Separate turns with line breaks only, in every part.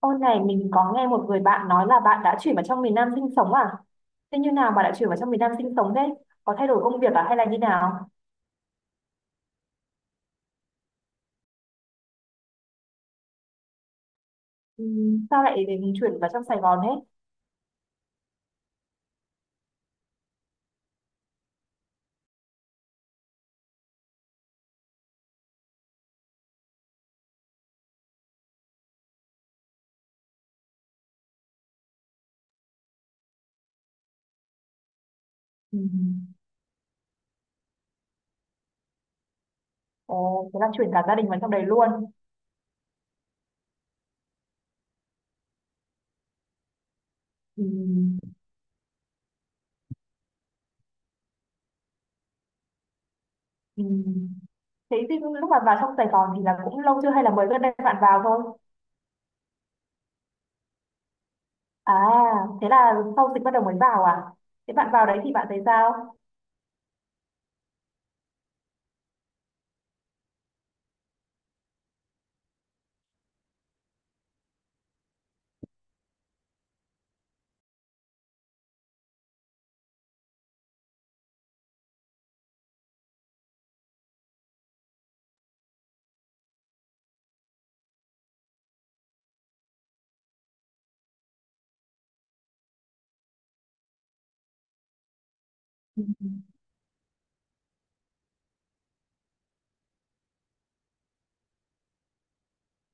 Ô này mình có nghe một người bạn nói là bạn đã chuyển vào trong miền Nam sinh sống à? Thế như nào mà đã chuyển vào trong miền Nam sinh sống thế? Có thay đổi công việc à hay là như nào? Ừ, sao lại đến chuyển vào trong Sài Gòn thế? Ừ. Ồ, thế là chuyển cả gia đình vào trong đấy luôn. Ừ. Ừ. Thế thì lúc mà vào trong Sài Gòn thì là cũng lâu chưa hay là mới gần đây bạn vào thôi? À, thế là sau dịch bắt đầu mới vào à? Thế bạn vào đấy thì bạn thấy sao? Ừ.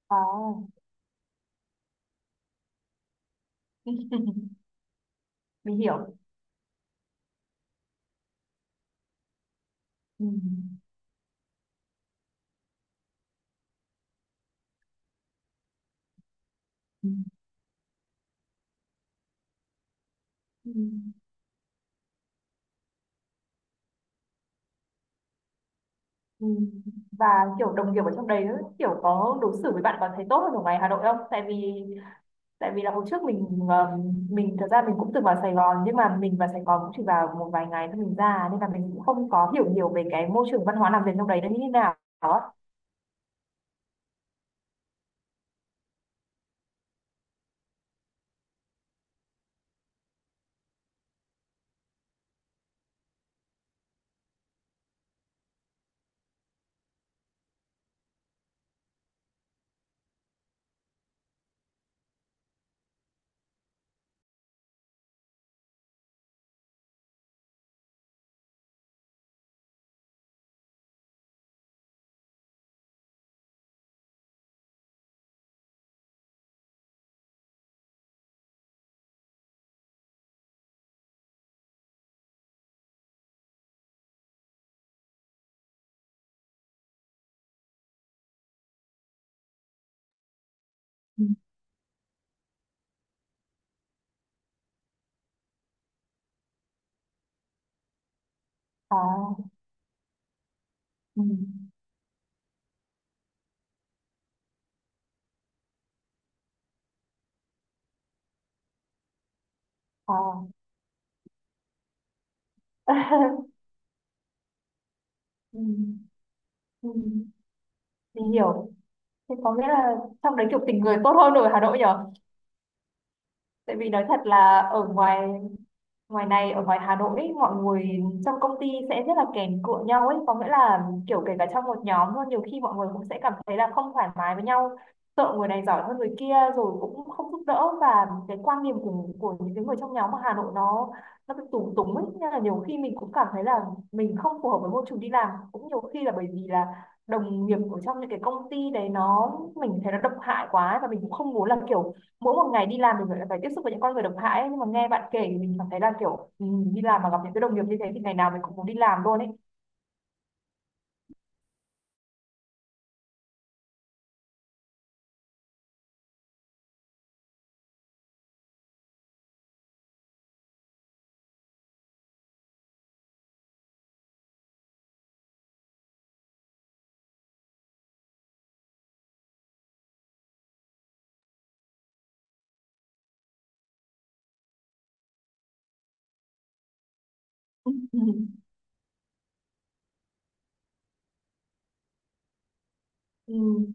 À, mình hiểu. Ừ. Ừ. Ừ. Ừ. Và kiểu đồng nghiệp ở trong đấy kiểu có đối xử với bạn còn thấy tốt hơn ở ngoài Hà Nội không? Tại vì là hồi trước mình thật ra mình cũng từng vào Sài Gòn, nhưng mà mình vào Sài Gòn cũng chỉ vào một vài ngày thôi mình ra, nên là mình cũng không có hiểu nhiều về cái môi trường văn hóa làm việc trong đấy nó như thế nào. Đó. Ừ. À, ừ, à. Ừ, ừ, mình hiểu. Thế có nghĩa là trong đấy kiểu tình người tốt hơn ở Hà Nội nhở? Tại vì nói thật là ở ngoài ngoài này, ở ngoài Hà Nội ấy, mọi người trong công ty sẽ rất là kèm cựa nhau ấy, có nghĩa là kiểu kể cả trong một nhóm luôn nhiều khi mọi người cũng sẽ cảm thấy là không thoải mái với nhau, sợ người này giỏi hơn người kia rồi cũng không giúp đỡ, và cái quan điểm của những cái người trong nhóm ở Hà Nội nó cứ túng túng ấy, nên là nhiều khi mình cũng cảm thấy là mình không phù hợp với môi trường đi làm, cũng nhiều khi là bởi vì là đồng nghiệp ở trong những cái công ty đấy nó, mình thấy nó độc hại quá, và mình cũng không muốn là kiểu mỗi một ngày đi làm mình lại phải tiếp xúc với những con người độc hại ấy. Nhưng mà nghe bạn kể thì mình cảm thấy là kiểu ừ, đi làm mà gặp những cái đồng nghiệp như thế thì ngày nào mình cũng muốn đi làm luôn ấy. Ừ.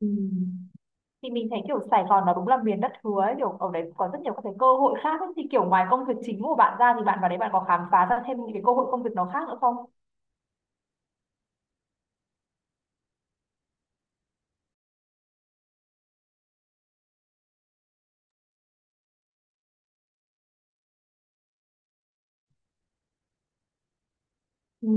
Ừ. Thì mình thấy kiểu Sài Gòn nó đúng là miền đất hứa ấy. Kiểu ở đấy có rất nhiều các cái cơ hội khác ấy. Thì kiểu ngoài công việc chính của bạn ra thì bạn vào đấy bạn có khám phá ra thêm những cái cơ hội công việc nó khác nữa không? Ừ.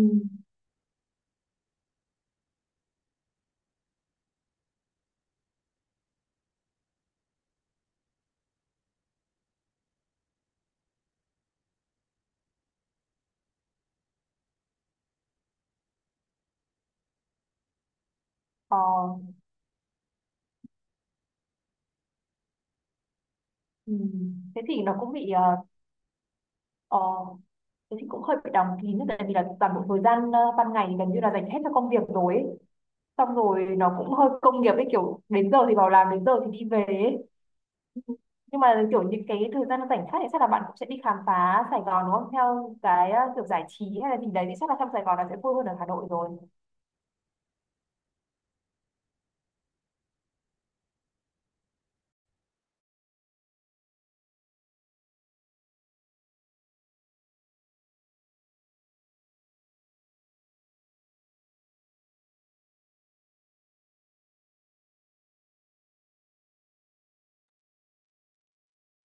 Ờ, ừ. thế thì nó cũng bị ờ, ờ, thế thì cũng hơi bị đóng kín, tại vì là toàn bộ thời gian ban ngày thì gần như là dành hết cho công việc rồi ấy. Xong rồi nó cũng hơi công nghiệp ấy, kiểu đến giờ thì vào làm, đến giờ thì đi về ấy. Nhưng mà kiểu những cái thời gian rảnh khác thì chắc là bạn cũng sẽ đi khám phá Sài Gòn đúng không, theo cái kiểu giải trí hay là gì đấy thì chắc là trong Sài Gòn là sẽ vui hơn ở Hà Nội rồi.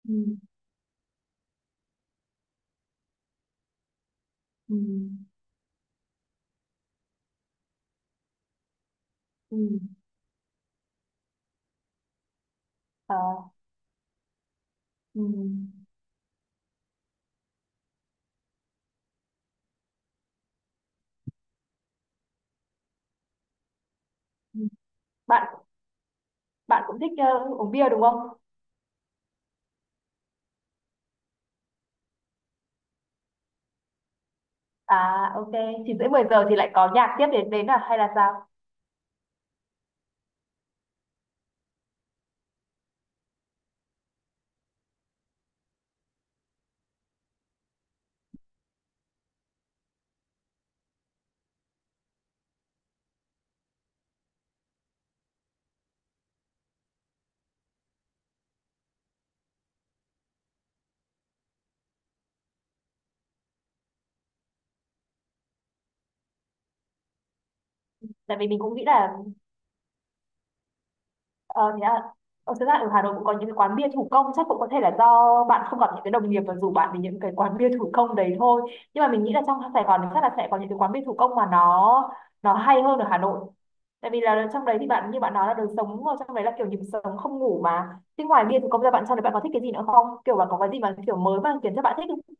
Ừ, ừ, ừ, ờ, ừ, ừ. bạn bạn cũng thích uống bia đúng không? À, ok. Chín rưỡi mười giờ thì lại có nhạc tiếp đến đến à hay là sao? Tại vì mình cũng nghĩ là Ờ, thế à, thực ra ở Hà Nội cũng có những cái quán bia thủ công, chắc cũng có thể là do bạn không gặp những cái đồng nghiệp và rủ bạn đến những cái quán bia thủ công đấy thôi, nhưng mà mình nghĩ là trong Sài Gòn thì chắc là sẽ có những cái quán bia thủ công mà nó hay hơn ở Hà Nội, tại vì là trong đấy thì bạn như bạn nói là đời sống ở trong đấy là kiểu nhịp sống không ngủ mà. Thế ngoài bia thủ công ra, bạn trong đấy bạn có thích cái gì nữa không, kiểu bạn có cái gì mà kiểu mới mà khiến cho bạn thích không?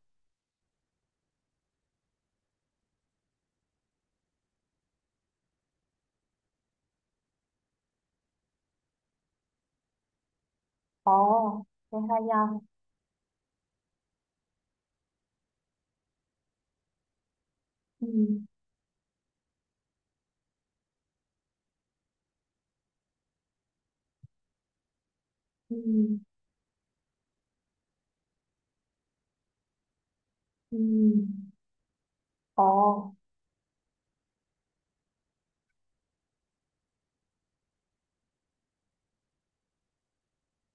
Ồ, thế hay nha. Ừ, ừ, ừ. Ồ,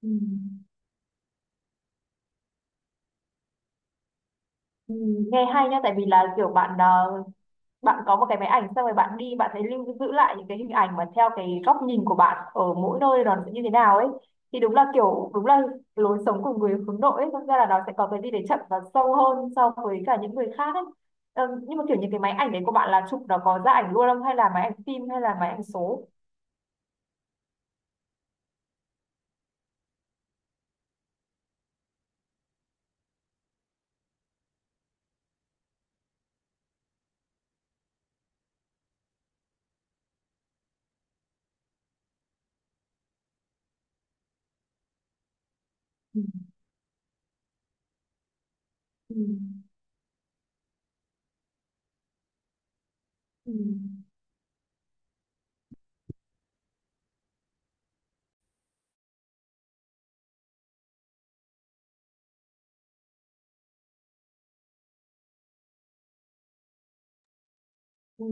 ừ. Ừ, nghe hay nhá, tại vì là kiểu bạn có một cái máy ảnh xong rồi bạn đi bạn thấy lưu giữ lại những cái hình ảnh mà theo cái góc nhìn của bạn ở mỗi nơi nó sẽ như thế nào ấy, thì đúng là lối sống của người hướng nội ấy, thật ra là nó sẽ có cái đi để chậm và sâu hơn so với cả những người khác ấy. Ờ, nhưng mà kiểu những cái máy ảnh đấy của bạn là chụp nó có ra ảnh luôn không, hay là máy ảnh phim hay là máy ảnh số? Ừ. Ừ. Ừ. Ừ.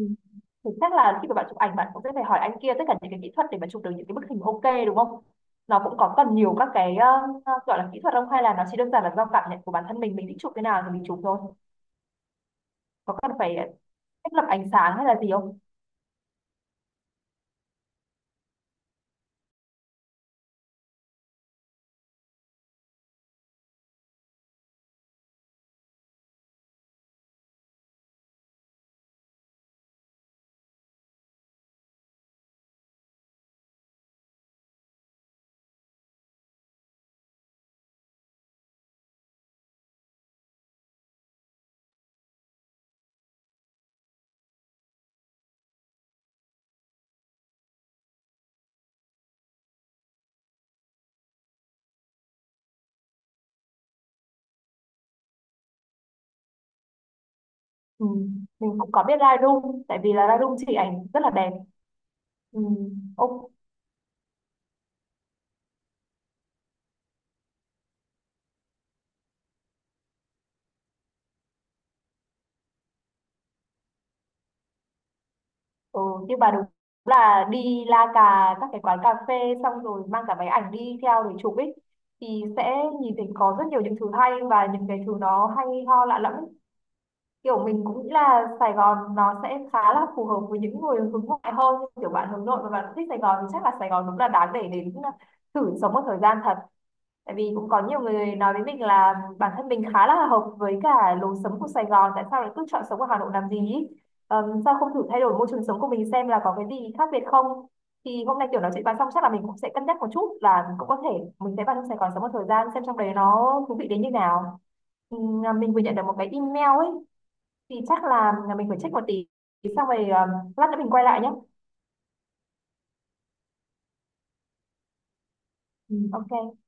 Thì chắc là khi mà bạn chụp ảnh bạn cũng sẽ phải hỏi anh kia tất cả những cái kỹ thuật để mà chụp được những cái bức hình ok, đúng không? Nó cũng có cần nhiều các cái gọi là kỹ thuật không, hay là nó chỉ đơn giản là do cảm nhận của bản thân mình thích chụp cái nào thì mình chụp thôi. Có cần phải thiết lập ánh sáng hay là gì không? Ừ. Mình cũng có biết Lightroom, tại vì là Lightroom chỉ ảnh rất là đẹp. Ừ. Ô, ừ. Nhưng mà đúng là đi la cà các cái quán cà phê xong rồi mang cả máy ảnh đi theo để chụp ấy thì sẽ nhìn thấy có rất nhiều những thứ hay và những cái thứ nó hay ho lạ lẫm. Kiểu mình cũng nghĩ là Sài Gòn nó sẽ khá là phù hợp với những người hướng ngoại hơn, nhưng kiểu bạn hướng nội và bạn thích Sài Gòn thì chắc là Sài Gòn đúng là đáng để đến à, thử sống một thời gian thật, tại vì cũng có nhiều người nói với mình là bản thân mình khá là hợp với cả lối sống của Sài Gòn, tại sao lại cứ chọn sống ở Hà Nội làm gì ý? Sao không thử thay đổi môi trường sống của mình xem là có cái gì khác biệt không, thì hôm nay kiểu nói chuyện bàn xong chắc là mình cũng sẽ cân nhắc một chút là mình cũng có thể mình sẽ vào trong Sài Gòn sống một thời gian xem trong đấy nó thú vị đến như nào. À, mình vừa nhận được một cái email ấy, thì chắc là mình phải check một tí, xong rồi lát nữa mình quay lại nhé. Ừ, ok.